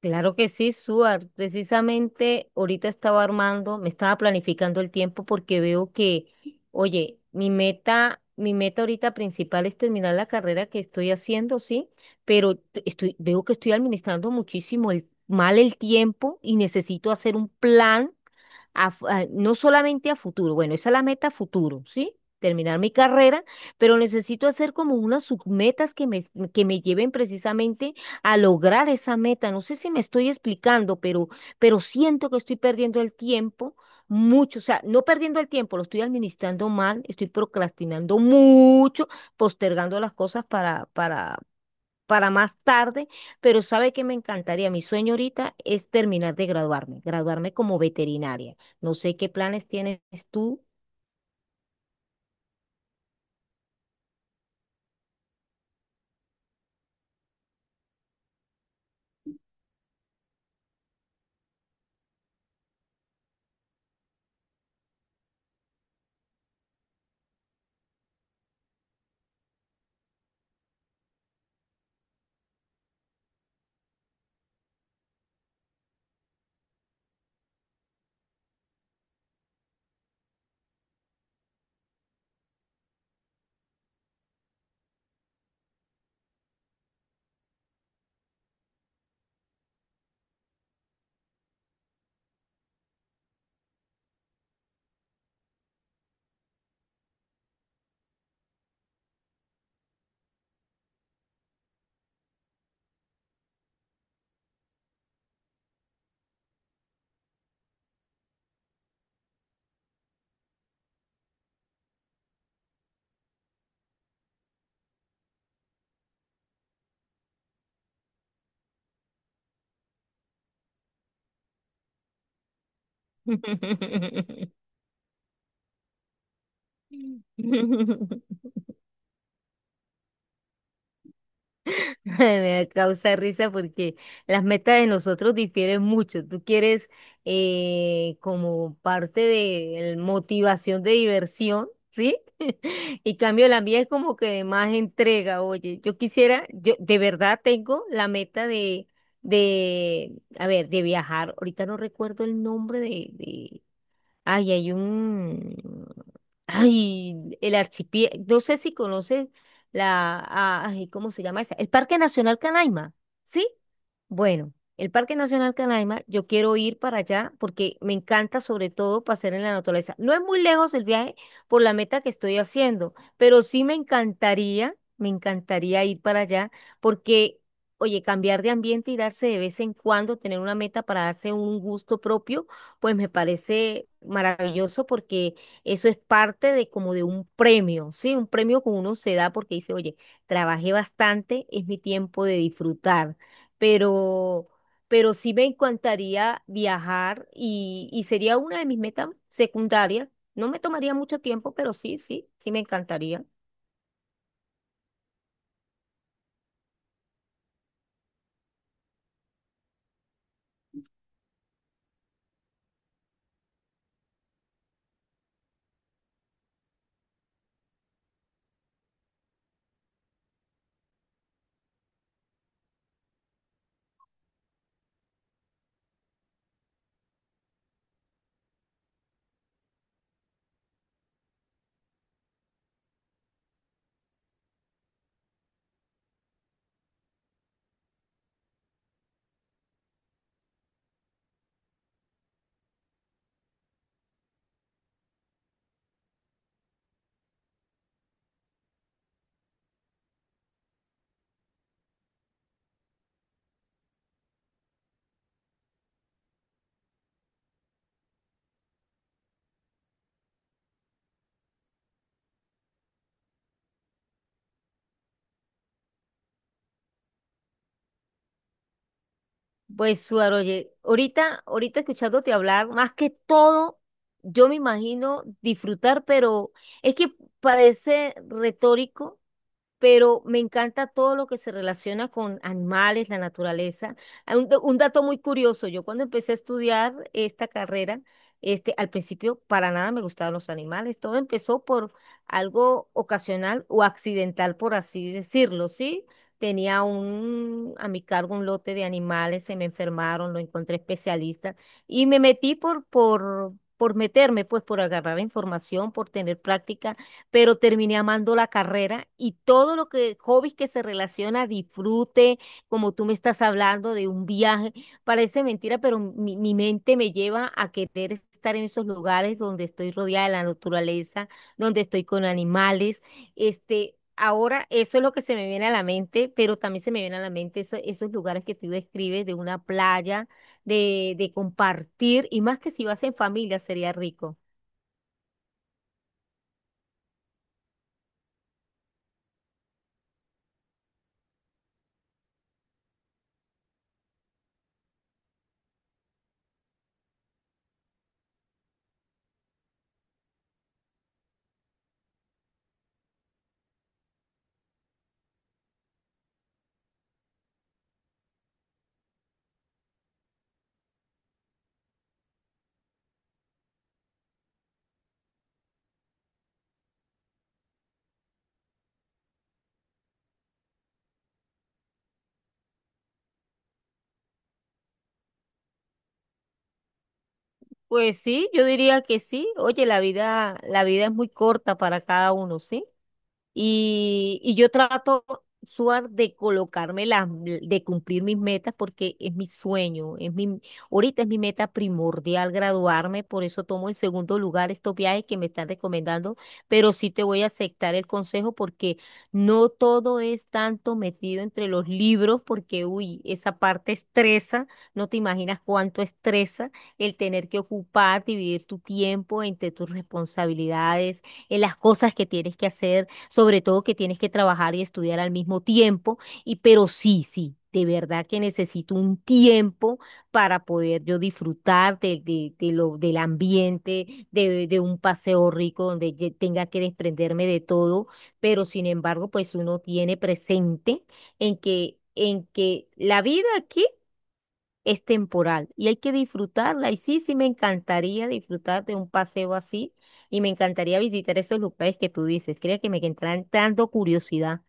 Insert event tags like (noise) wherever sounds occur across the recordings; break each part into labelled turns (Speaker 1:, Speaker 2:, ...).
Speaker 1: Claro que sí, Suar. Precisamente ahorita estaba armando, me estaba planificando el tiempo porque veo que, oye, mi meta ahorita principal es terminar la carrera que estoy haciendo, sí, pero estoy, veo que estoy administrando muchísimo el, mal el tiempo y necesito hacer un plan no solamente a futuro. Bueno, esa es la meta a futuro, ¿sí? Terminar mi carrera, pero necesito hacer como unas submetas que me lleven precisamente a lograr esa meta. No sé si me estoy explicando, pero siento que estoy perdiendo el tiempo mucho. O sea, no perdiendo el tiempo, lo estoy administrando mal, estoy procrastinando mucho, postergando las cosas para más tarde, pero sabe que me encantaría, mi sueño ahorita es terminar de graduarme, graduarme como veterinaria. No sé qué planes tienes tú. (laughs) (laughs) Me causa risa porque las metas de nosotros difieren mucho. Tú quieres como parte de motivación de diversión, ¿sí? (laughs) Y cambio la mía es como que de más entrega. Oye, yo quisiera, yo de verdad tengo la meta de, a ver, de viajar. Ahorita no recuerdo el nombre de, ay, hay un Ay, el archipiélago, no sé si conoces la, ay, ¿cómo se llama esa? El Parque Nacional Canaima, ¿sí? Bueno, el Parque Nacional Canaima, yo quiero ir para allá porque me encanta sobre todo pasear en la naturaleza. No es muy lejos el viaje por la meta que estoy haciendo, pero sí me encantaría ir para allá porque, oye, cambiar de ambiente y darse de vez en cuando, tener una meta para darse un gusto propio, pues me parece maravilloso porque eso es parte de como de un premio, ¿sí? Un premio que uno se da porque dice, oye, trabajé bastante, es mi tiempo de disfrutar, pero, pero sí me encantaría viajar y sería una de mis metas secundarias. No me tomaría mucho tiempo, pero sí, sí, sí me encantaría. Pues, Suar, oye, ahorita, ahorita escuchándote hablar, más que todo, yo me imagino disfrutar, pero es que parece retórico, pero me encanta todo lo que se relaciona con animales, la naturaleza. Ah, un dato muy curioso, yo cuando empecé a estudiar esta carrera, este, al principio para nada me gustaban los animales, todo empezó por algo ocasional o accidental, por así decirlo, ¿sí? Tenía un, a mi cargo un lote de animales, se me enfermaron, lo encontré especialista y me metí por meterme, pues por agarrar información, por tener práctica, pero terminé amando la carrera y todo lo que, hobbies que se relaciona, disfrute, como tú me estás hablando de un viaje, (laughs) parece mentira, pero mi mente me lleva a querer estar en esos lugares donde estoy rodeada de la naturaleza, donde estoy con animales, este... Ahora, eso es lo que se me viene a la mente, pero también se me viene a la mente esos lugares que tú describes de una playa, de compartir, y más que si vas en familia, sería rico. Pues sí, yo diría que sí. Oye, la vida es muy corta para cada uno, ¿sí? Y yo trato, Suar, de colocarme las, de cumplir mis metas porque es mi sueño, es mi, ahorita es mi meta primordial graduarme, por eso tomo en segundo lugar estos viajes que me están recomendando, pero sí te voy a aceptar el consejo porque no todo es tanto metido entre los libros porque, uy, esa parte estresa, no te imaginas cuánto estresa el tener que ocupar, dividir tu tiempo entre tus responsabilidades, en las cosas que tienes que hacer, sobre todo que tienes que trabajar y estudiar al mismo tiempo, y pero sí, sí. De verdad que necesito un tiempo para poder yo disfrutar de, de lo, del ambiente, de un paseo rico donde tenga que desprenderme de todo, pero sin embargo, pues uno tiene presente en que la vida aquí es temporal y hay que disfrutarla. Y sí, sí, me encantaría disfrutar de un paseo así y me encantaría visitar esos lugares que tú dices. Creo que me que entrando curiosidad.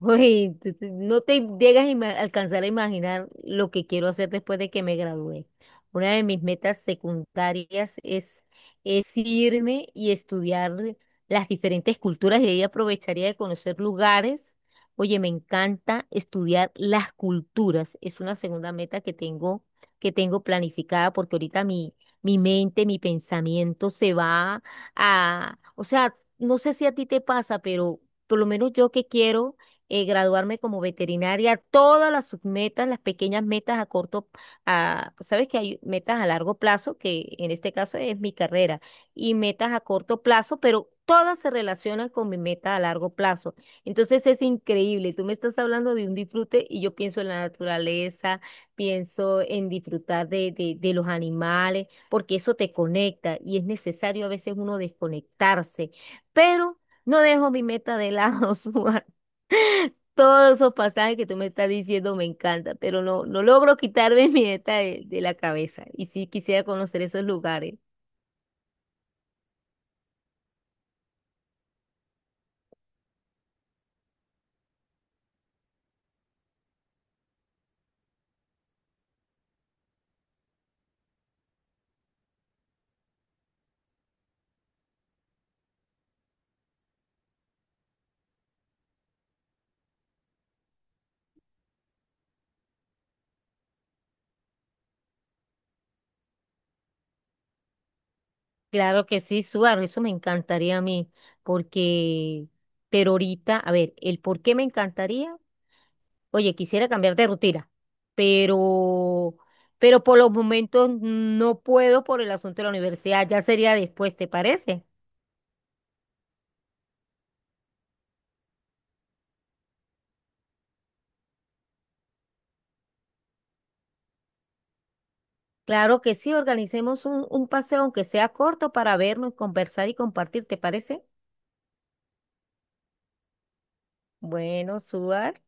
Speaker 1: Uy, tú no te llegas a alcanzar a imaginar lo que quiero hacer después de que me gradué. Una de mis metas secundarias es irme y estudiar las diferentes culturas y ahí aprovecharía de conocer lugares. Oye, me encanta estudiar las culturas. Es una segunda meta que tengo planificada porque ahorita mi, mi mente, mi pensamiento se va a, o sea, no sé si a ti te pasa, pero por lo menos yo que quiero graduarme como veterinaria, todas las submetas, las pequeñas metas a corto, a, sabes que hay metas a largo plazo, que en este caso es mi carrera, y metas a corto plazo, pero todas se relacionan con mi meta a largo plazo. Entonces es increíble, tú me estás hablando de un disfrute y yo pienso en la naturaleza, pienso en disfrutar de los animales, porque eso te conecta y es necesario a veces uno desconectarse, pero no dejo mi meta de lado, (laughs) Suar. Todos esos pasajes que tú me estás diciendo me encanta, pero no, no logro quitarme (laughs) mi meta de la cabeza. Y sí quisiera conocer esos lugares. Claro que sí, Suar, eso me encantaría a mí, porque, pero ahorita, a ver, el por qué me encantaría, oye, quisiera cambiar de rutina, pero, pero por los momentos no puedo por el asunto de la universidad, ya sería después, ¿te parece? Claro que sí, organicemos un paseo, aunque sea corto, para vernos, conversar y compartir, ¿te parece? Bueno, Suar,